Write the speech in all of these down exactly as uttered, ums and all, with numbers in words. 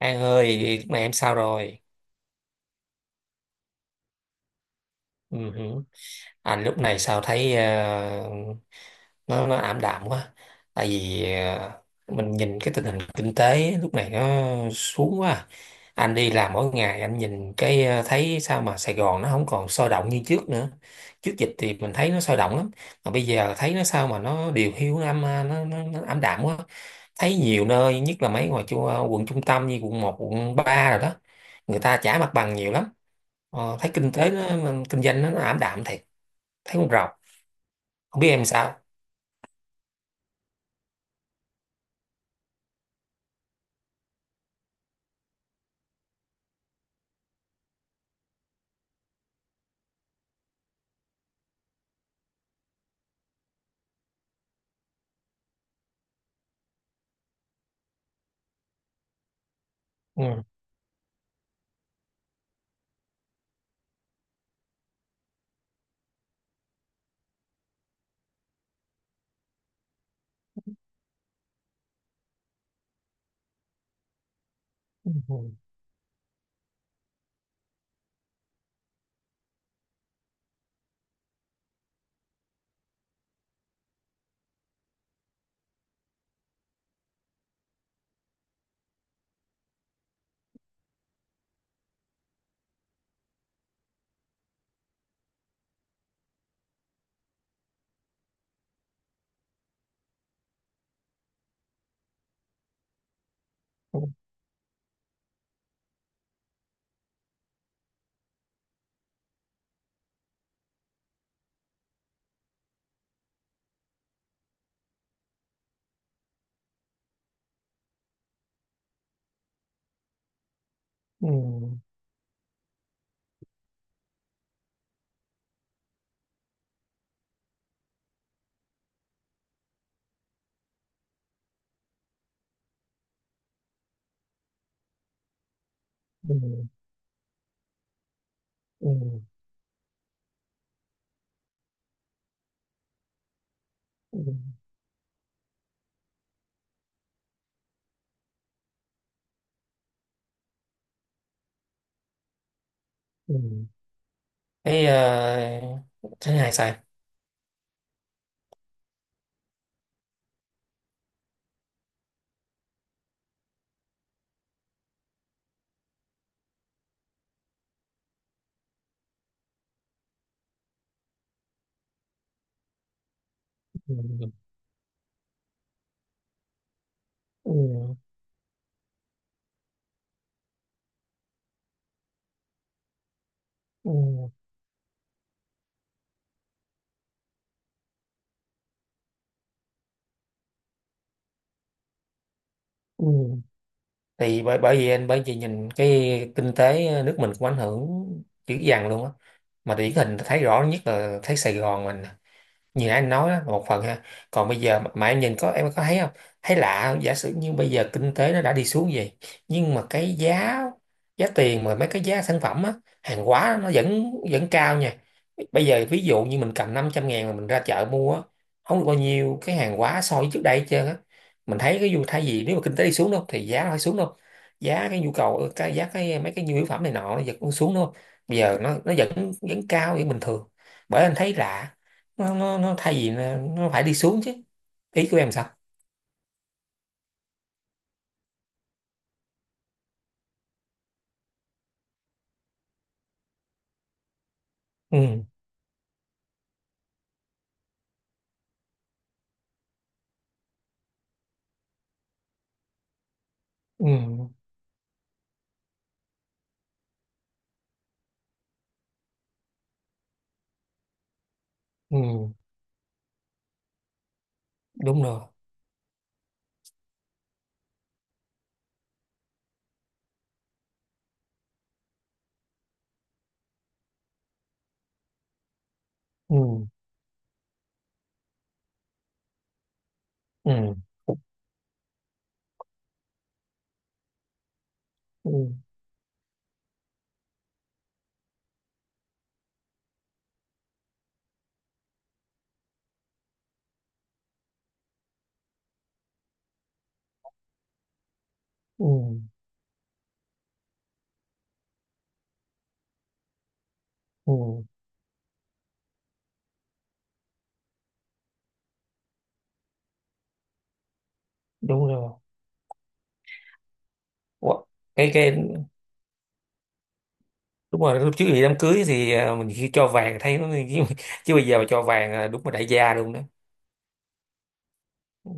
An ơi, lúc này em sao rồi? Ừ, hử. Anh lúc này sao thấy ờ, nó nó ảm đạm quá. Tại vì ờ, mình nhìn cái tình hình kinh tế lúc này nó xuống quá. À. Anh đi làm mỗi ngày anh nhìn cái ờ, thấy sao mà Sài Gòn nó không còn sôi động như trước nữa. Trước dịch thì mình thấy nó sôi động lắm, mà bây giờ thấy nó sao mà nó điều hiu năm nó, nó, nó nó ảm đạm quá. Thấy nhiều nơi, nhất là mấy ngoài chu, quận trung tâm như quận một, quận ba rồi đó. Người ta trả mặt bằng nhiều lắm. Ờ, thấy kinh tế nó, mà kinh doanh nó, nó ảm đạm thiệt. Thấy con rầu. Không biết em sao. Ừ. Ừ. Ừ. Ừ. Ừ. Ừ. Ừ. Ừ. Thấy, ờ, thấy hay sao. Ừ. Ừ. Ừ. Ừ. Thì bởi bởi vì anh bởi vì nhìn cái kinh tế nước mình cũng ảnh hưởng dữ dằn luôn á, mà điển hình thấy rõ nhất là thấy Sài Gòn mình như nãy anh nói đó, một phần ha. Còn bây giờ mà, mà em nhìn có em có thấy không, thấy lạ không? Giả sử như bây giờ kinh tế nó đã đi xuống vậy, nhưng mà cái giá giá tiền mà mấy cái giá sản phẩm á, hàng hóa nó vẫn vẫn cao nha. Bây giờ ví dụ như mình cầm năm trăm ngàn mà mình ra chợ mua á, không được bao nhiêu cái hàng hóa so với trước đây hết trơn á. Mình thấy cái dù thay vì nếu mà kinh tế đi xuống đâu thì giá nó phải xuống đâu, giá cái nhu cầu ờ, cái giá cái mấy cái nhu yếu phẩm này nọ nó vẫn xuống đâu, bây giờ nó nó vẫn vẫn cao vẫn bình thường. Bởi anh thấy lạ, nó, nó, nó thay vì nó, nó phải đi xuống chứ. Ý của em sao? Ừ. Ừ. Ừ. Đúng rồi. Ừ. Ừ. Ừ. Ừ, ừ. Đúng rồi. Ủa, cái cái đúng rồi, lúc trước thì đám cưới thì à, mình khi cho vàng thấy nó chứ, chứ bây giờ mà cho vàng là đúng là đại gia luôn đó. Ừ.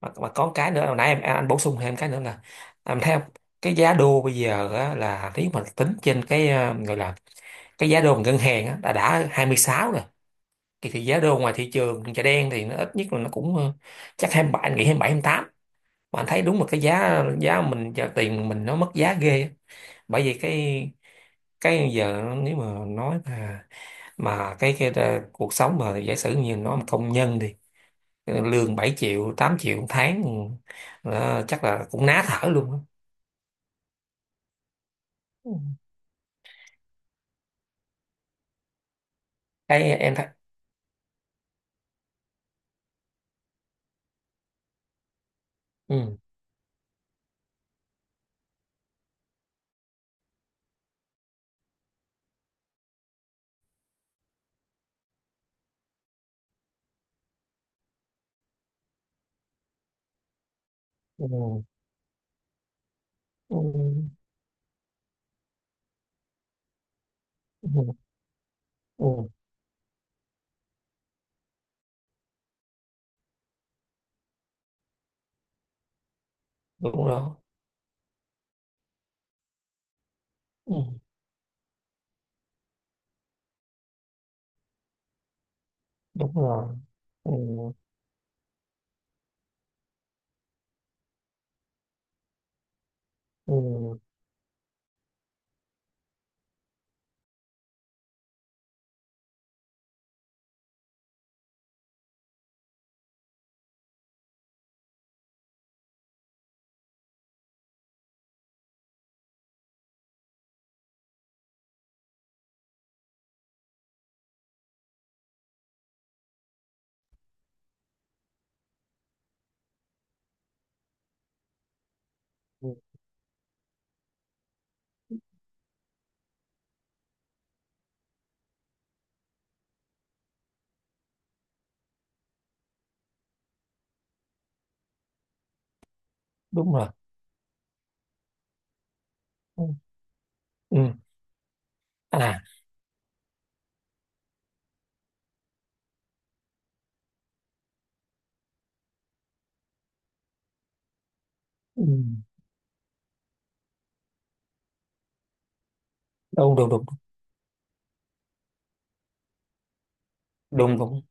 mà, mà có cái nữa hồi nãy em anh bổ sung thêm cái nữa là em thấy không, cái giá đô bây giờ á, là nếu mà tính trên cái à, gọi là cái giá đô mà ngân hàng á, đã đã hai mươi sáu, thì, thì giá đô ngoài thị trường chợ đen thì nó ít nhất là nó cũng ờ, chắc hai mươi bảy, anh nghĩ hai mươi bảy hai mươi tám. Mà anh thấy đúng là cái giá giá mình giờ tiền mình nó mất giá ghê á. Bởi vì cái cái giờ nếu mà nói mà mà cái, cái ờ, cuộc sống mà giả sử như nó mà công nhân đi, ờ, lương bảy triệu tám triệu một tháng ừ, ờ, chắc là cũng ná thở luôn á. Ừ. Cái em thấy. Ừ. Ừ. Ừ. Ừ. Ừ. Ừ, đúng rồi. Ừ. Đúng rồi. Ừ. Ừ. Ừ, đúng rồi. Ừ, ừ. À. Ừ. Đúng đúng đúng. Đúng đúng.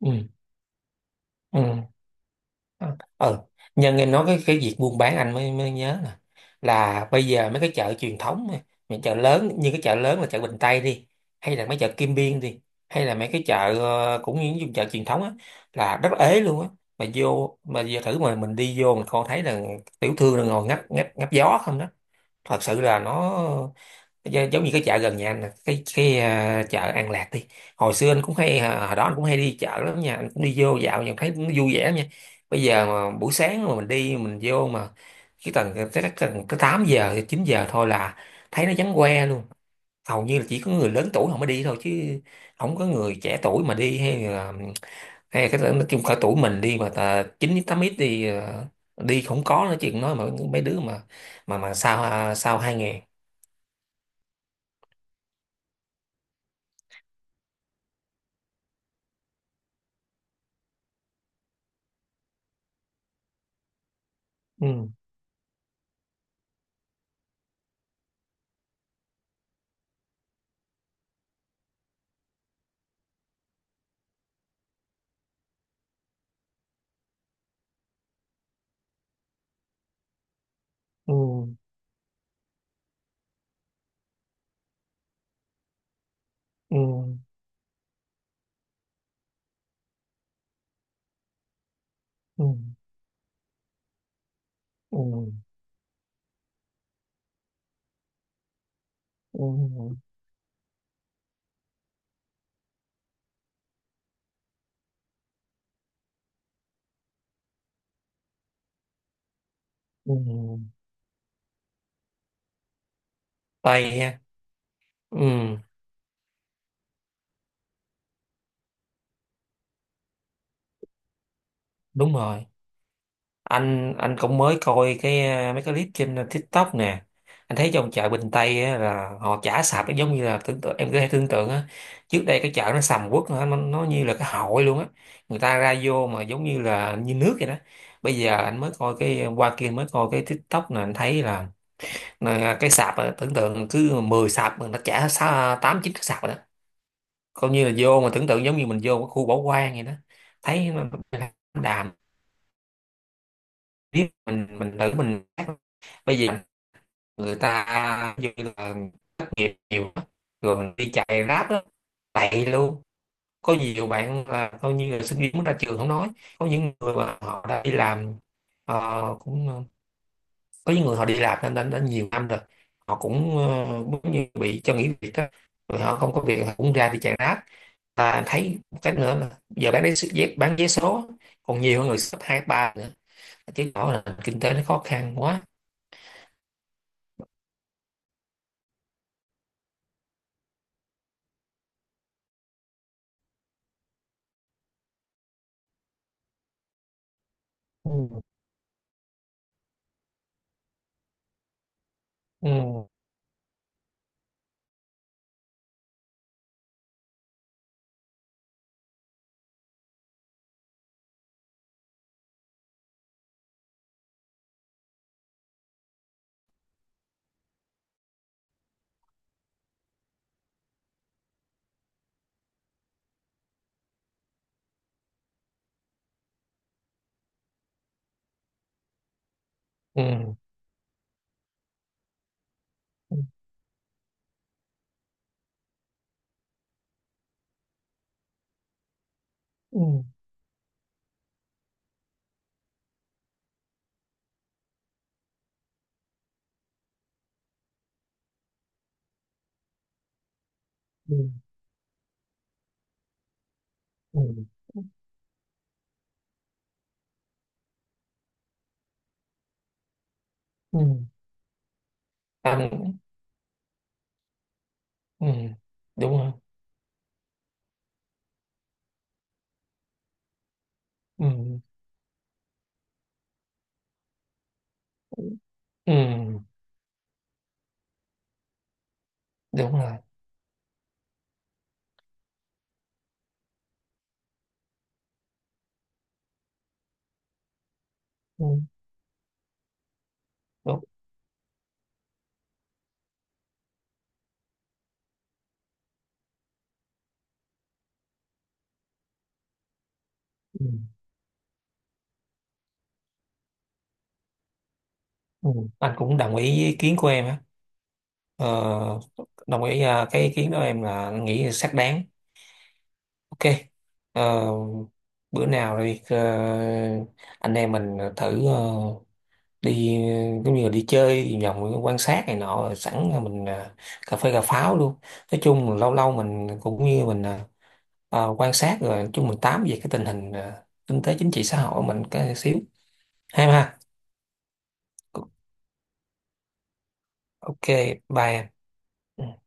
Ừ. Ừ. À, ờ nhân em nói cái cái việc buôn bán anh mới mới nhớ nè, là bây giờ mấy cái chợ truyền thống á, những chợ lớn như cái chợ lớn là chợ Bình Tây đi, hay là mấy chợ Kim Biên đi, hay là mấy cái chợ ờ, cũng như những vùng chợ truyền thống á, là rất ế luôn á. Mà vô mà giờ thử mà mình đi vô mình coi thấy là tiểu thương là ngồi ngắp ngắp ngắp gió không đó. Thật sự là nó gi- giống như cái chợ gần nhà anh nè, cái cái à, chợ An Lạc đi. Hồi xưa anh cũng hay à, hồi đó anh cũng hay đi chợ lắm nha, anh cũng đi vô dạo nhưng thấy nó vui vẻ lắm nha. Bây giờ mà buổi sáng mà mình đi mình vô mà cái tầng tới tới tầng tới tám giờ chín giờ thôi là thấy nó vắng que luôn. Hầu như là chỉ có người lớn tuổi không mới đi thôi chứ, không có người trẻ tuổi mà đi, hay là hay là cái nói chung cỡ tuổi mình đi mà tà, chín tám ít đi à, đi không có nói chuyện nói mà mấy đứa mà mà mà sao sao hai ngàn. Ừ. Ừ. Ừ. Ừ. Ừ. Ừ. Ừ. Tây ha. Ừ. Đúng rồi. Anh anh cũng mới coi cái à, mấy cái clip trên TikTok nè. Anh thấy trong chợ Bình Tây á, là họ chả sạp nó giống như là tưởng tượng, em có thể tưởng tượng á, trước đây cái chợ nó sầm uất nó, nó như là cái hội luôn á, người ta ra vô mà giống như là như nước vậy đó. Bây giờ anh mới coi cái qua kia mới coi cái TikTok nè, anh thấy là là cái sạp á, tưởng tượng cứ mười sạp mà nó chả sáu- tám chín cái sạp rồi đó, coi như là vô mà tưởng tượng giống như mình vô cái khu bỏ hoang vậy đó. Thấy nó đàm, biết mình mình thử mình bây giờ, người ta như là nghiệp nhiều á, rồi mình đi chạy ráp đó, tệ luôn. Có nhiều bạn là coi như là sinh viên mới ra trường không nói, có những người mà họ đã đi làm, ờ, cũng ờ, có những người họ đi làm nên đã, đã nhiều năm rồi, họ cũng ờ, giống như bị cho nghỉ việc đó, rồi họ không có việc họ cũng ra đi chạy ráp. Ta thấy một cái nữa là giờ bán đấy dép bán vé số còn nhiều hơn người sắp hai ba nữa, chứng tỏ là kinh tế nó khó khăn quá. Ừ. Ừ. Ừ. Ừ. Ừ. Ừ. Ừ. Ừ. Anh- ừ. Đúng rồi. Ừ. Ừ. Đúng rồi. Ừ. Đúng. Ừ. Ừ. Anh cũng đồng ý với ý kiến của em á. Ờ, Đồng ý à, cái ý kiến đó em là nghĩ xác đáng. OK. Ờ, Bữa nào đi ờ, anh em mình thử ờ, đi giống như là đi chơi đi vòng quan sát này nọ rồi sẵn là mình ờ, cà phê cà pháo luôn. Nói chung là lâu lâu mình cũng như mình ờ, ờ, quan sát rồi nói chung mình tám về cái tình hình ờ, kinh tế chính trị xã hội của mình cái xíu. Hay ha. OK. Bye em. Ừ.